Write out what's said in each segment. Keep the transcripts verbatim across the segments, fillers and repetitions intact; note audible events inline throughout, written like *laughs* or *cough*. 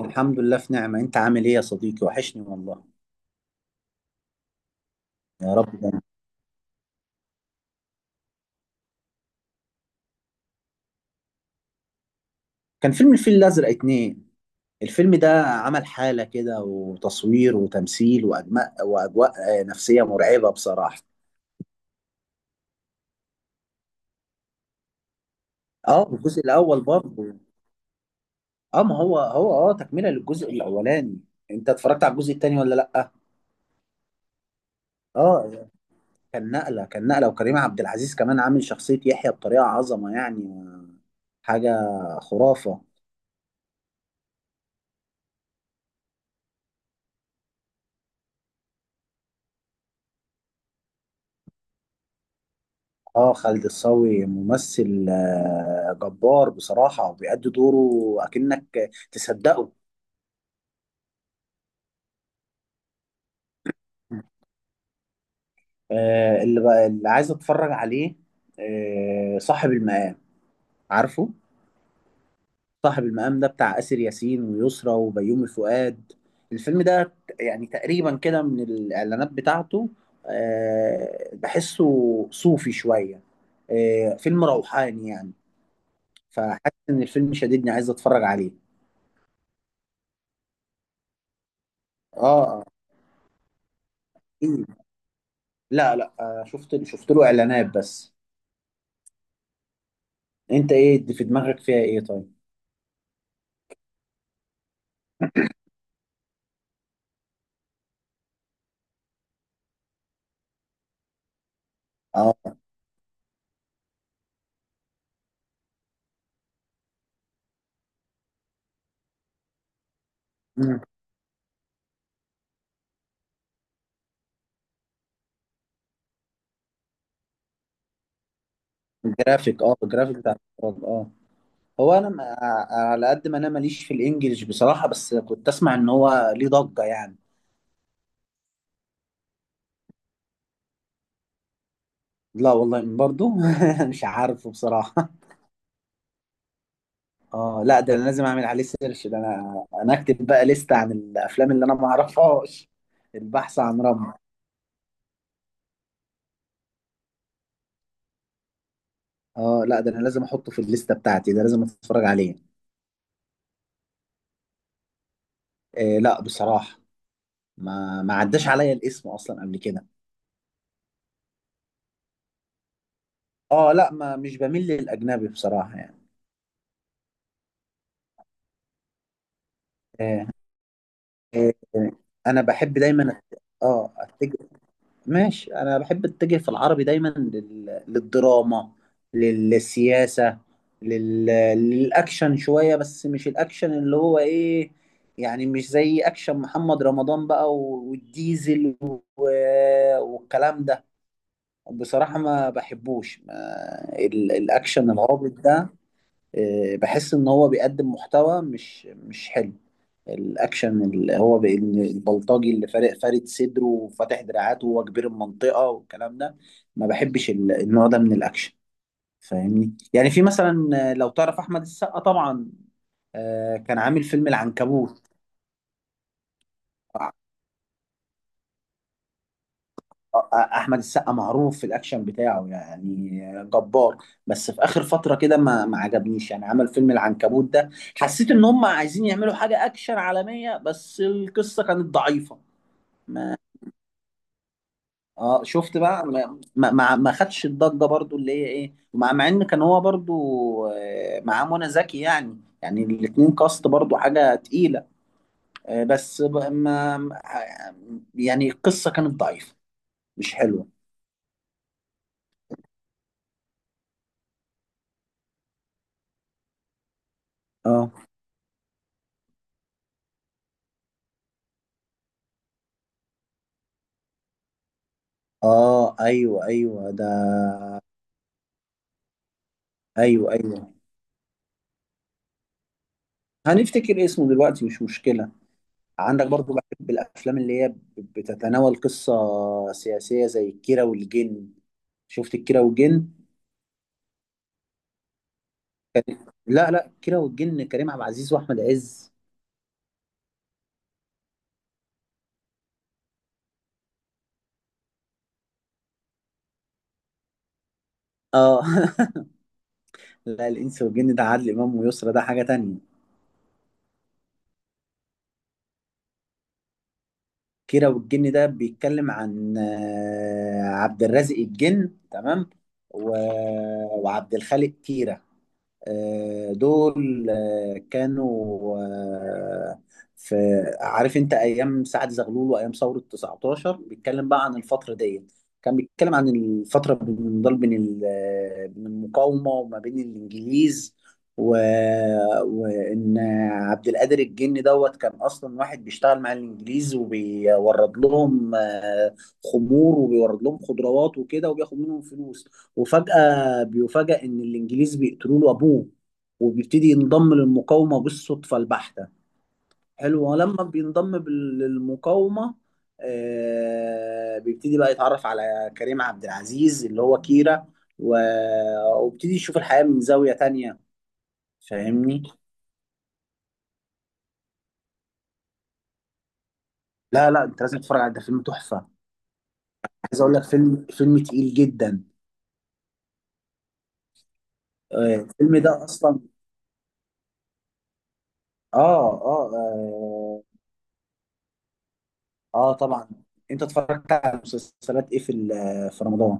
الحمد لله في نعمة. انت عامل ايه يا صديقي؟ وحشني والله. يا رب، ده كان فيلم الفيل الأزرق اتنين. الفيلم ده عمل حالة كده، وتصوير وتمثيل وأجماء وأجواء آه، نفسية مرعبة بصراحة. اه، الجزء الأول برضه. اه، ما هو هو اه تكملة للجزء الأولاني. انت اتفرجت على الجزء التاني ولا لأ؟ اه، كان نقلة كان نقلة، وكريم عبد العزيز كمان عامل شخصية يحيى بطريقة عظمة، يعني حاجة خرافة. اه، خالد الصاوي ممثل آه، جبار بصراحة، وبيأدي دوره أكنك تصدقه. آه، اللي بقى اللي عايز اتفرج عليه، آه، صاحب المقام. عارفه؟ صاحب المقام ده بتاع آسر ياسين ويسرى وبيومي فؤاد. الفيلم ده ت- يعني تقريبا كده من الإعلانات بتاعته، آه، بحسه صوفي شوية، آه، فيلم روحاني يعني. فحاسس إن الفيلم شديدني، عايز اتفرج عليه. اه. آه. لا لا، آه، شفت شفت له اعلانات بس. انت ايه دي في دماغك؟ فيها ايه طيب؟ اه. مم. الجرافيك اه الجرافيك بتاع الفرج، اه. هو انا ما- ع- على قد ما انا ماليش في الانجليش بصراحة، بس كنت اسمع ان هو ليه ضجة يعني. لا والله برضو. *laughs* مش عارفه بصراحة. اه لا، ده انا لازم اعمل عليه سيرش، ده انا انا اكتب بقى لستة عن الافلام اللي انا ما اعرفهاش. البحث عن رم. اه لا، ده انا لازم احطه في الليستة بتاعتي، ده لازم اتفرج عليه. آه لا بصراحة، ما ما عداش عليا الاسم اصلا قبل كده. اه لا، ما مش بميل للاجنبي بصراحه يعني. آه. آه، انا بحب دايما أت- اه اتجه. ماشي، انا بحب اتجه في العربي دايما لل... للدراما، للسياسه، لل... للاكشن شويه، بس مش الاكشن اللي هو ايه. يعني مش زي اكشن محمد رمضان بقى و- والديزل و... والكلام ده. بصراحه ما بحبوش، ما... ال... الاكشن العابط ده، آه، بحس ان هو بيقدم محتوى مش مش حلو. الاكشن اللي هو بان البلطجي اللي فارق فارد صدره وفاتح دراعاته، وهو كبير المنطقه والكلام ده. ما بحبش ال- النوع ده من الاكشن. فاهمني؟ يعني في مثلا، آه، لو تعرف احمد السقا طبعا، آه، كان عامل فيلم العنكبوت. احمد السقا معروف في الاكشن بتاعه، يعني جبار. بس في اخر فتره كده ما ما عجبنيش يعني، عمل فيلم العنكبوت ده، حسيت ان هم عايزين يعملوا حاجه اكشن عالميه، بس القصه كانت ضعيفه. ما اه شفت بقى، ما ما ما ما خدش الضجه برضو اللي هي ايه، مع مع ان كان هو برضو آه، معاه منى زكي، يعني يعني الاتنين كاست برضو حاجه تقيله، آه، بس ب- ما ما- يعني القصه كانت ضعيفه، مش حلوه. اه. اه ايوه ايوه ده. ايوه ايوه. هنفتكر اسمه دلوقتي، مش مشكله. عندك برضو، بحب الافلام اللي هي ب- بتتناول قصه سياسيه، زي الكيرة والجن. شفت الكيرة والجن؟ لا لا، الكيرة والجن كريم عبد العزيز واحمد عز. اه. *laughs* لا، الانس والجن ده عادل امام ويسرا، ده حاجه تانية. كيرة والجن ده بيتكلم عن آه، عبد الرازق الجن، تمام. و... وعبد الخالق كيرة. آه، دول آه، كانوا آه، في عارف انت ايام سعد زغلول وايام ثوره تسعتاشر، بيتكلم بقى عن الفتره دي. كان بيتكلم عن الفتره بين ضل- بين ال- آه، بين المقاومه وما بين الانجليز، و... وان عبد القادر الجني دوت كان اصلا واحد بيشتغل مع الانجليز، وبيورد لهم آه، خمور، وبيورد لهم خضروات وكده، وبياخد منهم فلوس. وفجأة بيفاجأ إن الإنجليز بيقتلوا له أبوه، وبيبتدي ينضم للمقاومة بالصدفة البحتة. حلو. ولما بينضم بال- للمقاومة، آه بيبتدي بقى يتعرف على كريم عبد العزيز اللي هو كيرا، و... وبيبتدي يشوف الحياة من زاوية تانية. فاهمني؟ لا لا، أنت لازم تتفرج على ده، فيلم تحفة. عايز أقول لك فيلم فيلم تقيل جدا. آه الفيلم ده أصلا. آه آه, آه اه طبعا. انت اتفرجت على مسلسلات ايه في ال- في رمضان؟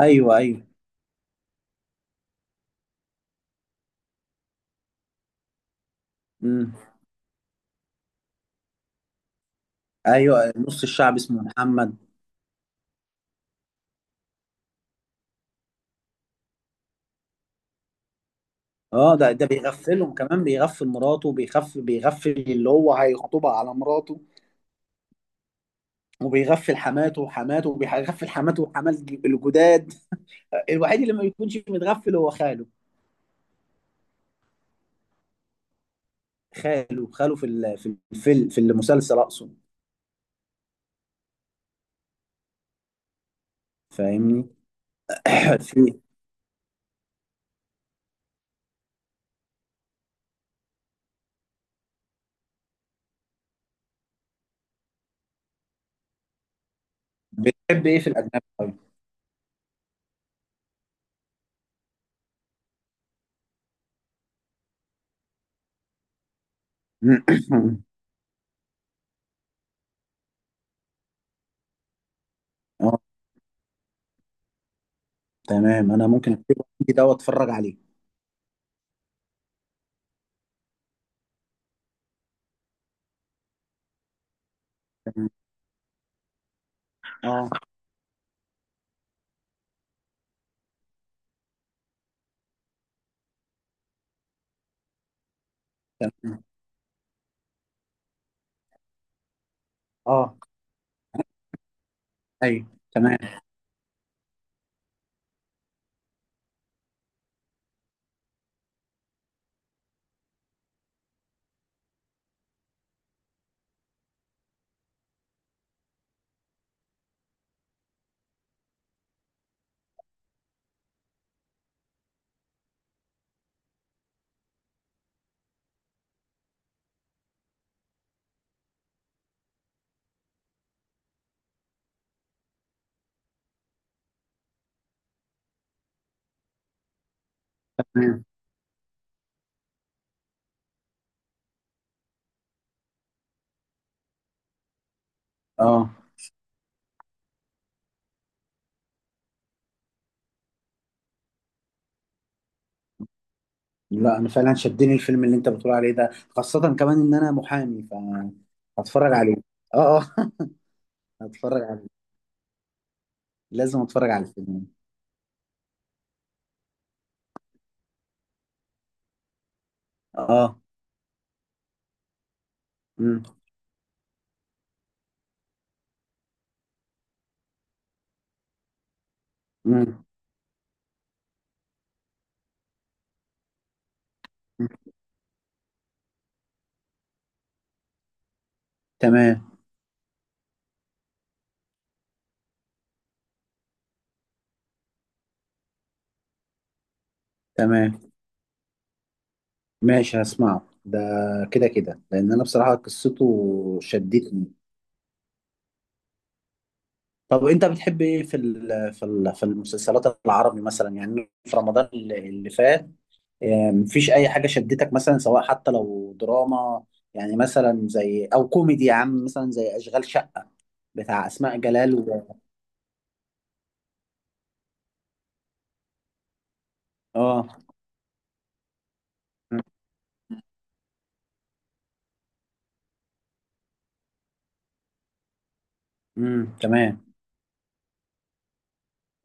ايوه ايوه. امم. ايوه، نص الشعب اسمه محمد. اه، ده ده بيغفلهم كمان، بيغفل مراته، وبيغفل بيغفل اللي هو هيخطبها على مراته، وبيغفل حماته وحماته وبيغفل حماته وحمات الجداد. *laughs* الوحيد اللي ما بيكونش متغفل هو خاله. خاله خاله في ال- في الفيلم في المسلسل اقصد. فاهمني. *clears throat* *coughs* في. بتحب ايه في الاجنبي طيب؟ *clears throat* *coughs* تمام، انا ممكن اكتبه عندي ده واتفرج عليه. تمام. اه. تمام. اه. ايوه. تمام. تمام. اه لا، انا فعلا شدني الفيلم اللي انت بتقول عليه ده، خاصة كمان ان انا محامي، فهتفرج عليه. اه اه. *laughs* هتفرج عليه. لازم اتفرج على الفيلم. اه. امم. امم. تمام. تمام. ماشي، هسمعه ده كده كده، لان انا بصراحة قصته شدتني. طب انت بتحب ايه في ال في ال في المسلسلات العربي، مثلا يعني في رمضان اللي اللي فات؟ آه، مفيش اي حاجه شدتك مثلا، سواء حتى لو دراما، يعني مثلا زي او كوميدي يا عم، مثلا زي اشغال شقه بتاع اسماء جلال و... اه. امم. تمام.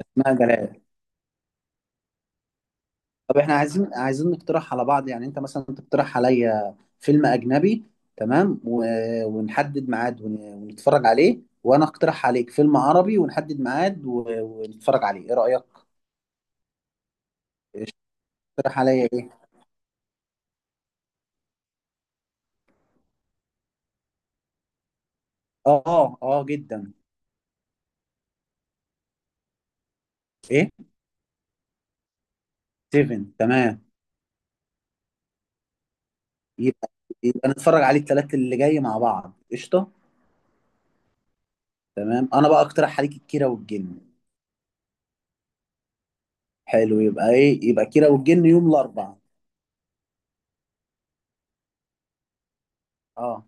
اسماء جلال. طب احنا عايزين عايزين نقترح على بعض، يعني انت مثلا تقترح عليا فيلم اجنبي، تمام، و... ونحدد ميعاد ون... ونتفرج عليه، وانا اقترح عليك فيلم عربي ونحدد ميعاد و... ونتفرج عليه، ايه رأيك؟ تقترح عليا ايه؟ اه اه، جدا. ايه؟ سيفن. تمام، يبقى يبقى نتفرج عليه الثلاث اللي جاي مع بعض، قشطة. تمام انا بقى اقترح عليك الكيرة والجن. حلو، يبقى ايه يبقى كيرة والجن يوم الاربعاء. اه،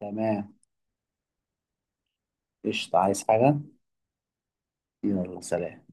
تمام. قشطة. عايز حاجة. يلا، سلام.